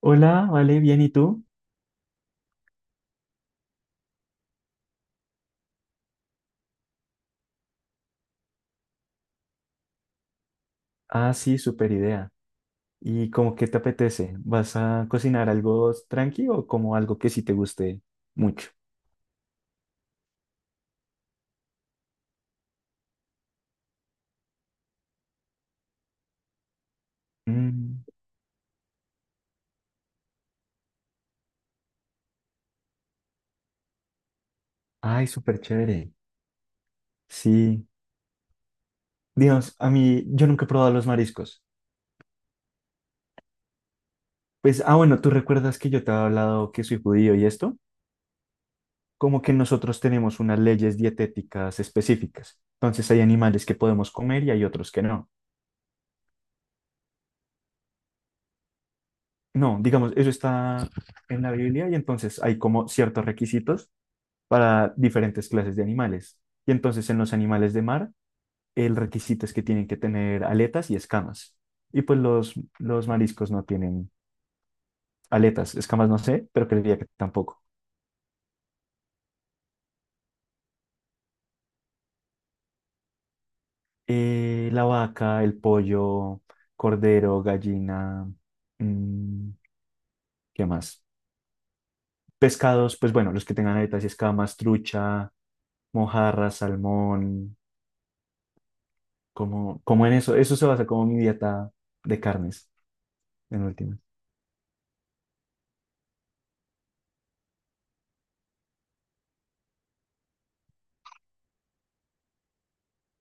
Hola, vale, bien, ¿y tú? Ah, sí, súper idea. ¿Y cómo qué te apetece? ¿Vas a cocinar algo tranqui o como algo que sí te guste mucho? Mm, ay, súper chévere. Sí. Dios, a mí, yo nunca he probado los mariscos. Pues, ah, bueno, ¿tú recuerdas que yo te había hablado que soy judío y esto? Como que nosotros tenemos unas leyes dietéticas específicas. Entonces hay animales que podemos comer y hay otros que no. No, digamos, eso está en la Biblia y entonces hay como ciertos requisitos para diferentes clases de animales. Y entonces en los animales de mar, el requisito es que tienen que tener aletas y escamas. Y pues los mariscos no tienen aletas, escamas no sé, pero creería que tampoco. La vaca, el pollo, cordero, gallina, mm, ¿qué más? Pescados, pues bueno, los que tengan aletas y escamas, trucha, mojarra, salmón, como en eso. Eso se basa como mi dieta de carnes, en última.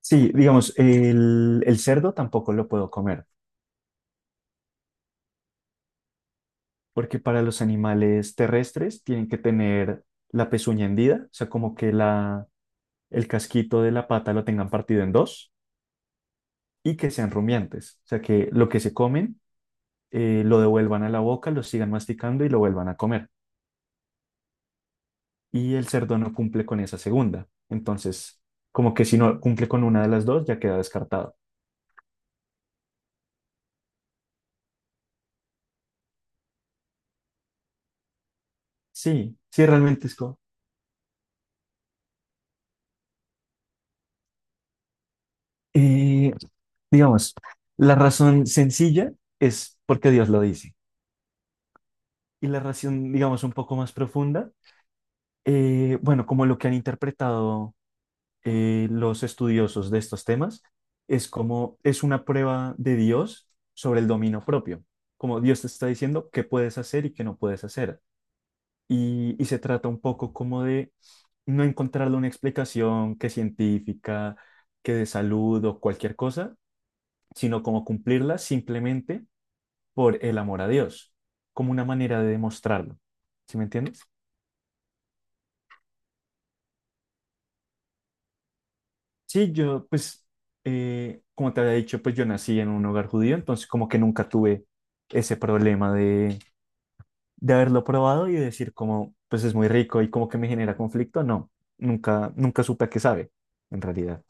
Sí, digamos, el cerdo tampoco lo puedo comer, porque para los animales terrestres tienen que tener la pezuña hendida, o sea, el casquito de la pata lo tengan partido en dos y que sean rumiantes, o sea, que lo que se comen lo devuelvan a la boca, lo sigan masticando y lo vuelvan a comer. Y el cerdo no cumple con esa segunda, entonces, como que si no cumple con una de las dos, ya queda descartado. Sí, sí, realmente es como... eh, Digamos, la razón sencilla es porque Dios lo dice. Y la razón, digamos, un poco más profunda, bueno, como lo que han interpretado los estudiosos de estos temas, es como es una prueba de Dios sobre el dominio propio. Como Dios te está diciendo qué puedes hacer y qué no puedes hacer. Y se trata un poco como de no encontrarle una explicación que científica, que de salud o cualquier cosa, sino como cumplirla simplemente por el amor a Dios, como una manera de demostrarlo. ¿Sí me entiendes? Sí, yo, pues, como te había dicho, pues yo nací en un hogar judío, entonces como que nunca tuve ese problema de haberlo probado y decir como, pues es muy rico y como que me genera conflicto. No, nunca supe a qué sabe, en realidad.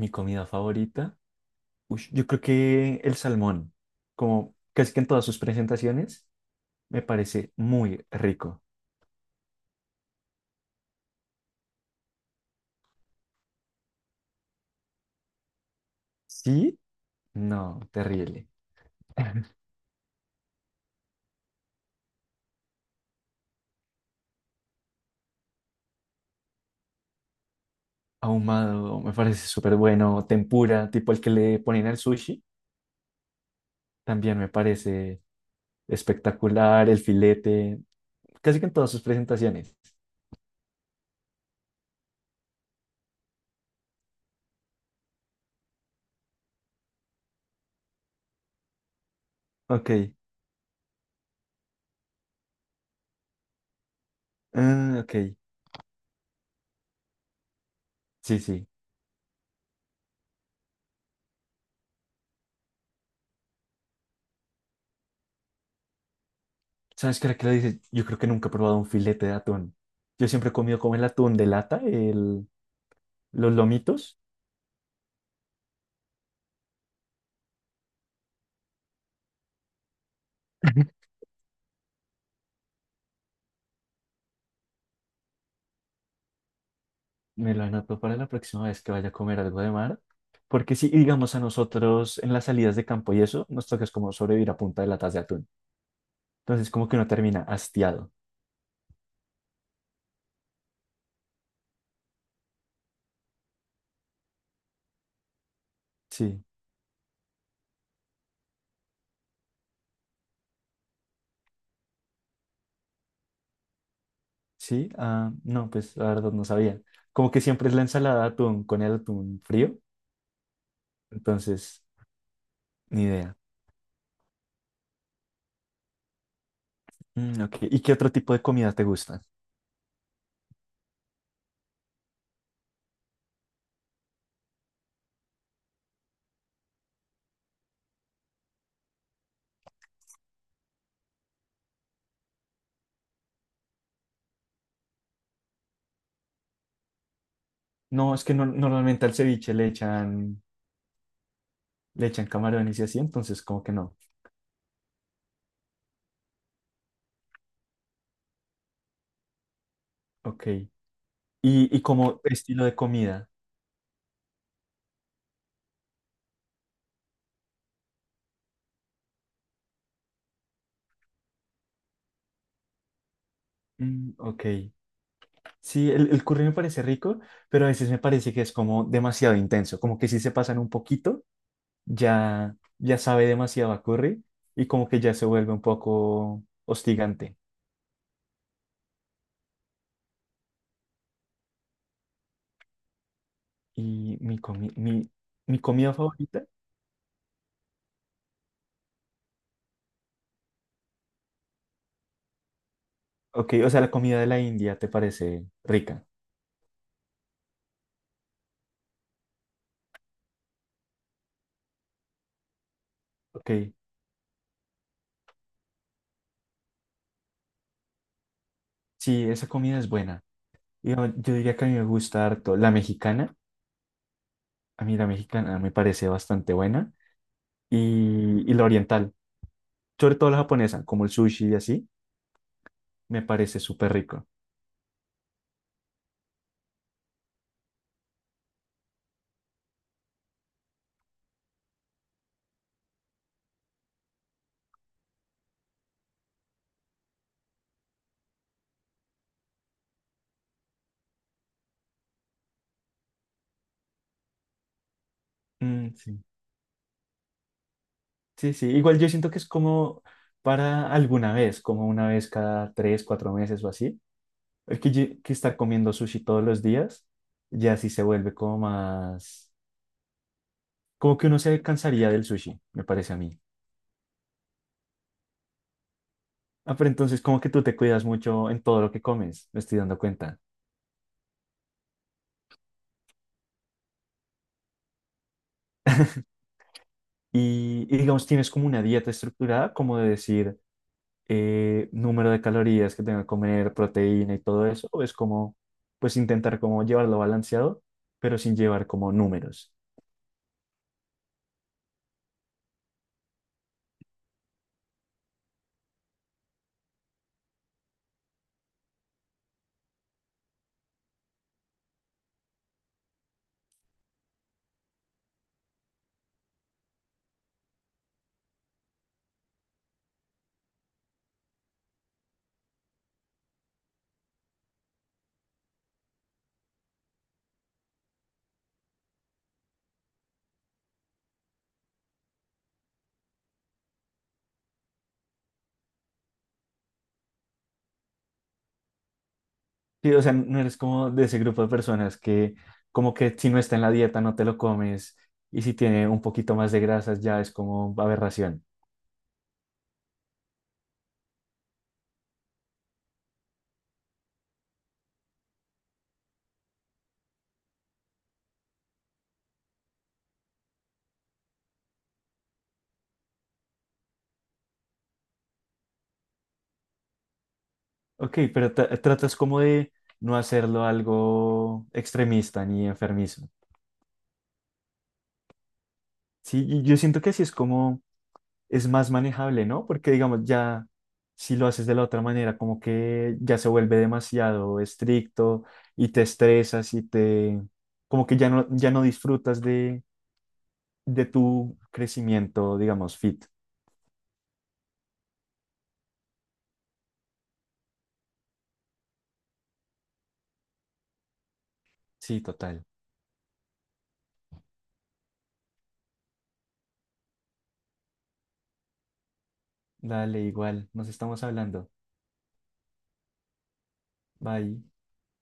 Mi comida favorita, ush, yo creo que el salmón, como casi que en todas sus presentaciones, me parece muy rico. ¿Sí? No, terrible. Ahumado, me parece súper bueno, tempura, tipo el que le ponen al sushi, también me parece espectacular, el filete, casi que en todas sus presentaciones. Ok, ah, ok, sí, sí. ¿Sabes qué era que le dices? Yo creo que nunca he probado un filete de atún. Yo siempre he comido como el atún de lata, el, los lomitos. Me lo anoto para la próxima vez que vaya a comer algo de mar. Porque si, digamos, a nosotros en las salidas de campo y eso, nos toca es como sobrevivir a punta de latas de atún. Entonces, como que uno termina hastiado. Sí. Sí, ah, no, pues la verdad no sabía. Como que siempre es la ensalada de atún con el atún frío, entonces ni idea. Mm, ok. ¿Y qué otro tipo de comida te gusta? No, es que normalmente al ceviche le echan camarones y así, entonces como que no. Ok. Y como estilo de comida? Mm, ok. Sí, el curry me parece rico, pero a veces me parece que es como demasiado intenso, como que si se pasan un poquito, ya sabe demasiado a curry y como que ya se vuelve un poco hostigante. Y mi, comi- mi, mi comida favorita, ok, o sea, la comida de la India te parece rica, ok, sí, esa comida es buena. Yo diría que a mí me gusta harto la mexicana, a mí la mexicana me parece bastante buena, y la oriental, sobre todo la japonesa, como el sushi y así, me parece súper rico. Mm, sí, sí, sí, igual yo siento que es como para alguna vez, como una vez cada tres, cuatro meses o así. Que estar comiendo sushi todos los días ya sí se vuelve como más... Como que uno se cansaría del sushi, me parece a mí. Ah, pero entonces como que tú te cuidas mucho en todo lo que comes, me estoy dando cuenta. Y digamos, tienes como una dieta estructurada, como de decir número de calorías que tengo que comer, proteína y todo eso, o es como, pues intentar como llevarlo balanceado, pero sin llevar como números. Sí, o sea, no eres como de ese grupo de personas que como que si no está en la dieta no te lo comes y si tiene un poquito más de grasas ya es como aberración. Ok, pero tratas como de no hacerlo algo extremista ni enfermizo. Sí, y yo siento que así es como es más manejable, ¿no? Porque digamos ya si lo haces de la otra manera como que ya se vuelve demasiado estricto y te estresas y te como que ya no disfrutas de tu crecimiento, digamos, fit. Sí, total. Dale, igual, nos estamos hablando. Bye.